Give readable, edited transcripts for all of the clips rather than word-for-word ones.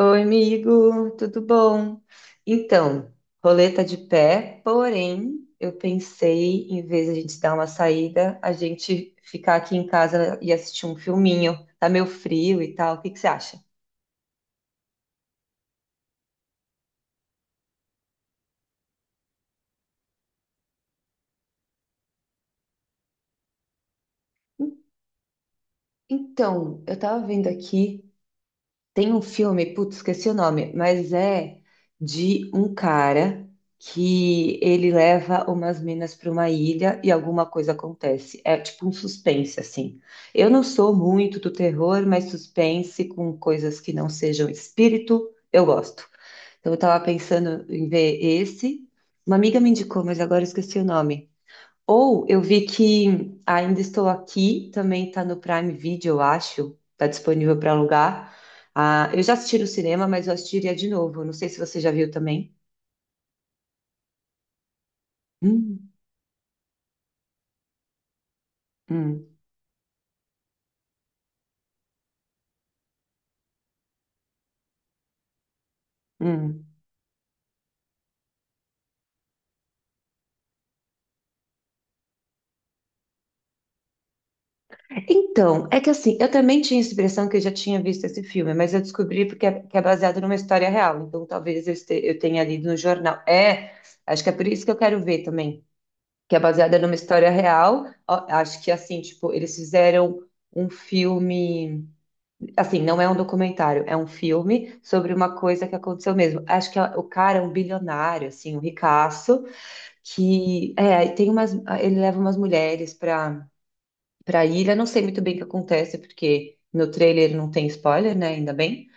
Oi, amigo, tudo bom? Então, roleta de pé, porém, eu pensei, em vez de a gente dar uma saída, a gente ficar aqui em casa e assistir um filminho. Tá meio frio e tal, o que que você acha? Então, eu tava vendo aqui. Tem um filme, putz, esqueci o nome, mas é de um cara que ele leva umas minas para uma ilha e alguma coisa acontece. É tipo um suspense, assim. Eu não sou muito do terror, mas suspense com coisas que não sejam espírito, eu gosto. Então eu tava pensando em ver esse. Uma amiga me indicou, mas agora eu esqueci o nome. Ou eu vi que Ainda Estou Aqui, também tá no Prime Video, eu acho, tá disponível para alugar. Ah, eu já assisti no cinema, mas eu assistiria de novo. Não sei se você já viu também. Hum, hum, hum. Então, é que assim, eu também tinha essa impressão que eu já tinha visto esse filme, mas eu descobri porque é, que é baseado numa história real. Então, talvez eu tenha lido no jornal. É, acho que é por isso que eu quero ver também, que é baseada numa história real. Ó, acho que assim, tipo, eles fizeram um filme. Assim, não é um documentário, é um filme sobre uma coisa que aconteceu mesmo. Acho que o cara é um bilionário, assim, um ricaço, que é, aí tem umas, ele leva umas mulheres para ilha. Não sei muito bem o que acontece, porque no trailer não tem spoiler, né? Ainda bem.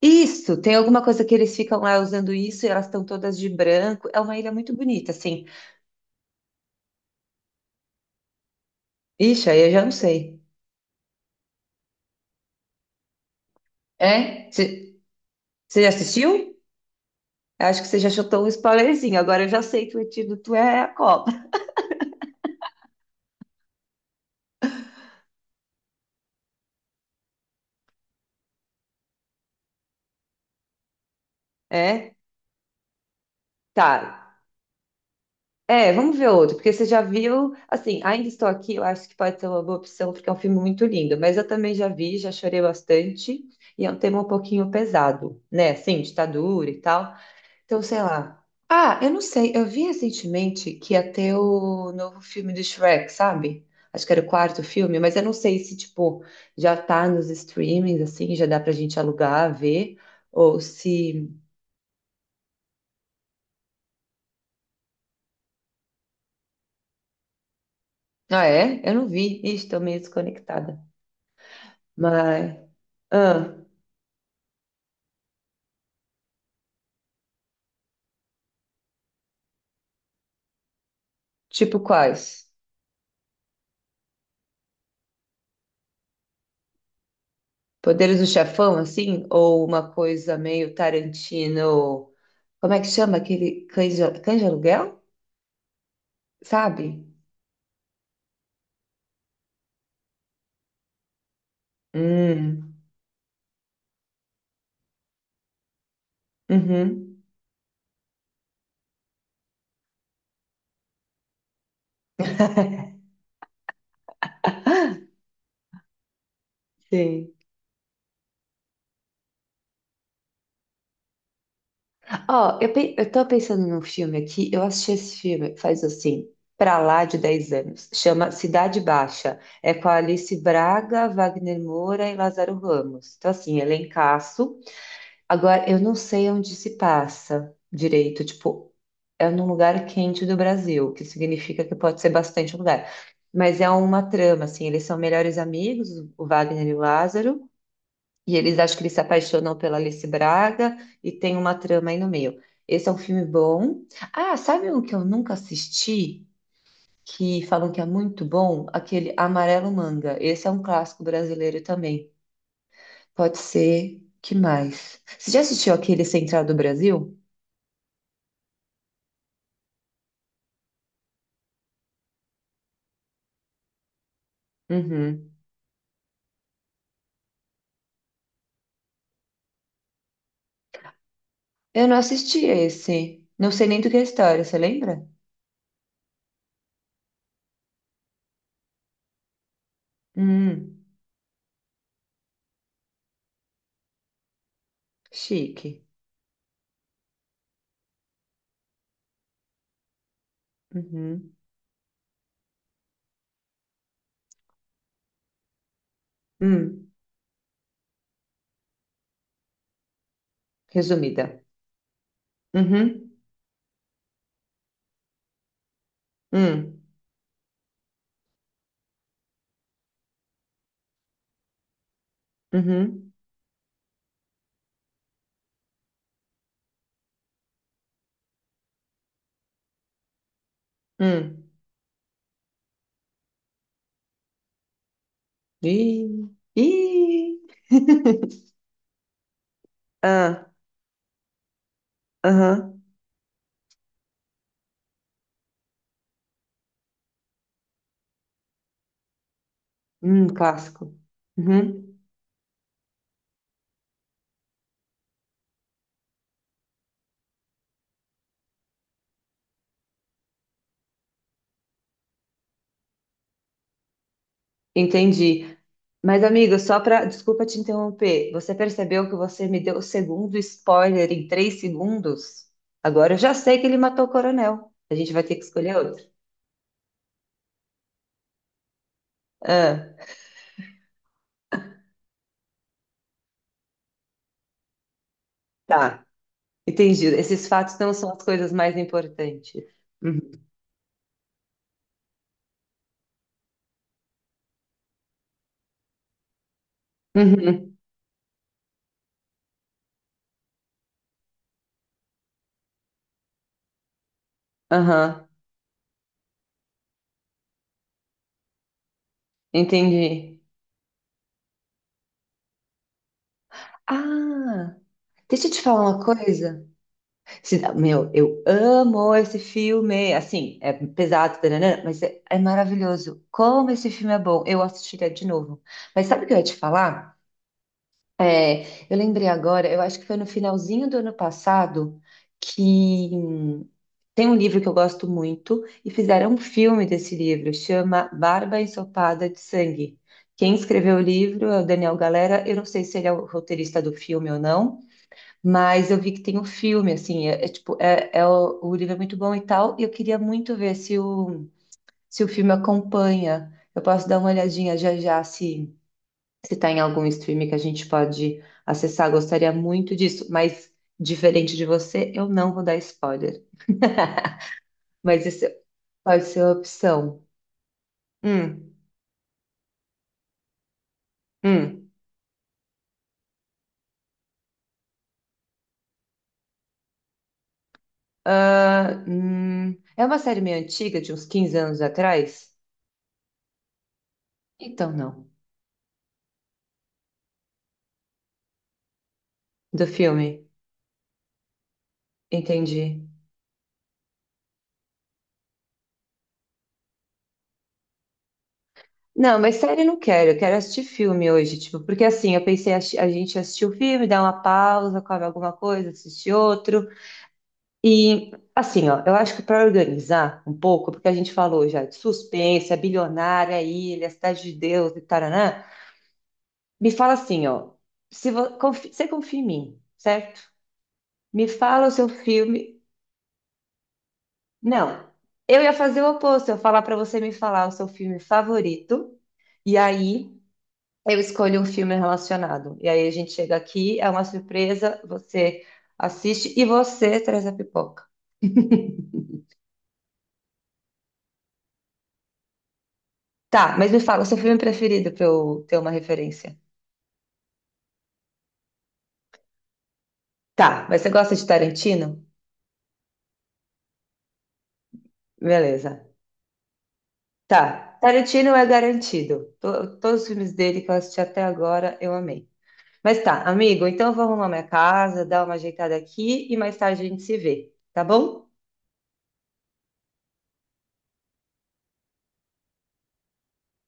Isso, tem alguma coisa que eles ficam lá usando isso e elas estão todas de branco. É uma ilha muito bonita, assim. Ixi, aí eu já não sei. É? Você já assistiu? Acho que você já chutou um spoilerzinho. Agora eu já sei que o antídoto é a Copa. É? Tá. É, vamos ver outro, porque você já viu, assim, Ainda Estou Aqui, eu acho que pode ser uma boa opção, porque é um filme muito lindo, mas eu também já vi, já chorei bastante, e é um tema um pouquinho pesado, né, assim, ditadura e tal, então, sei lá. Ah, eu não sei, eu vi recentemente que ia ter o novo filme do Shrek, sabe? Acho que era o quarto filme, mas eu não sei se, tipo, já tá nos streamings, assim, já dá pra gente alugar, ver, ou se... Ah, é? Eu não vi, Ixi, tô meio desconectada, mas... Ah. Tipo quais? Poderes do Chefão, assim? Ou uma coisa meio Tarantino. Como é que chama aquele cães de aluguel? Sabe? Hum, uhum, sim. Ó, eu tô pensando num filme aqui. Eu assisti esse filme faz assim, pra lá de 10 anos. Chama Cidade Baixa. É com a Alice Braga, Wagner Moura e Lázaro Ramos. Então, assim, elencaço. Agora, eu não sei onde se passa direito, tipo, é num lugar quente do Brasil, que significa que pode ser bastante lugar. Mas é uma trama, assim, eles são melhores amigos, o Wagner e o Lázaro, e eles acham que eles se apaixonam pela Alice Braga, e tem uma trama aí no meio. Esse é um filme bom. Ah, sabe um que eu nunca assisti, que falam que é muito bom? Aquele Amarelo Manga. Esse é um clássico brasileiro também. Pode ser. Que mais? Você já assistiu aquele Central do Brasil? Uhum. Eu não assisti a esse. Não sei nem do que é a história, você lembra? Hum, chique. Uhum. Hum, resumida. Uhum. Hum. Uhum. Hum. Ih. Ih. Ah, aham. Clássico. Uhum. Entendi. Mas, amigo, só para. Desculpa te interromper. Você percebeu que você me deu o segundo spoiler em três segundos? Agora eu já sei que ele matou o coronel. A gente vai ter que escolher outro. Ah. Tá, entendi. Esses fatos não são as coisas mais importantes. Uhum. Uhum. Aham, entendi. Ah, deixa eu te falar uma coisa. Meu, eu amo esse filme. Assim, é pesado, taranã, mas é maravilhoso. Como esse filme é bom. Eu assistiria de novo. Mas sabe o que eu ia te falar? É, eu lembrei agora, eu acho que foi no finalzinho do ano passado que tem um livro que eu gosto muito e fizeram um filme desse livro, chama Barba Ensopada de Sangue. Quem escreveu o livro é o Daniel Galera. Eu não sei se ele é o roteirista do filme ou não, mas eu vi que tem um filme, assim, o livro é muito bom e tal, e eu queria muito ver se o filme acompanha. Eu posso dar uma olhadinha já já se está em algum streaming que a gente pode acessar, gostaria muito disso, mas diferente de você, eu não vou dar spoiler. Mas isso pode ser uma opção. Hum, hum. Ah. É uma série meio antiga, de uns 15 anos atrás? Então não. Do filme. Entendi. Não, mas série não quero, eu quero assistir filme hoje, tipo, porque assim, eu pensei, a gente assistiu o filme, dá uma pausa, come alguma coisa, assiste outro. E assim, ó, eu acho que para organizar um pouco, porque a gente falou já de suspense, a bilionária, ilha, a cidade de Deus e taraná, me fala assim, ó, se você confia em mim, certo? Me fala o seu filme. Não, eu ia fazer o oposto, eu ia falar para você me falar o seu filme favorito, e aí eu escolho um filme relacionado. E aí a gente chega aqui, é uma surpresa, você assiste e você traz a pipoca. Tá, mas me fala o seu filme preferido para eu ter uma referência. Tá, mas você gosta de Tarantino? Beleza. Tá, Tarantino é garantido. Todos os filmes dele que eu assisti até agora, eu amei. Mas tá, amigo, então eu vou arrumar minha casa, dar uma ajeitada aqui e mais tarde a gente se vê, tá bom?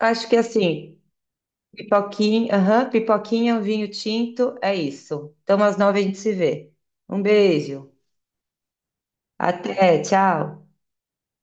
Acho que assim, pipoquinha, aham, pipoquinha, um vinho tinto, é isso. Então às 9 a gente se vê. Um beijo. Até, tchau.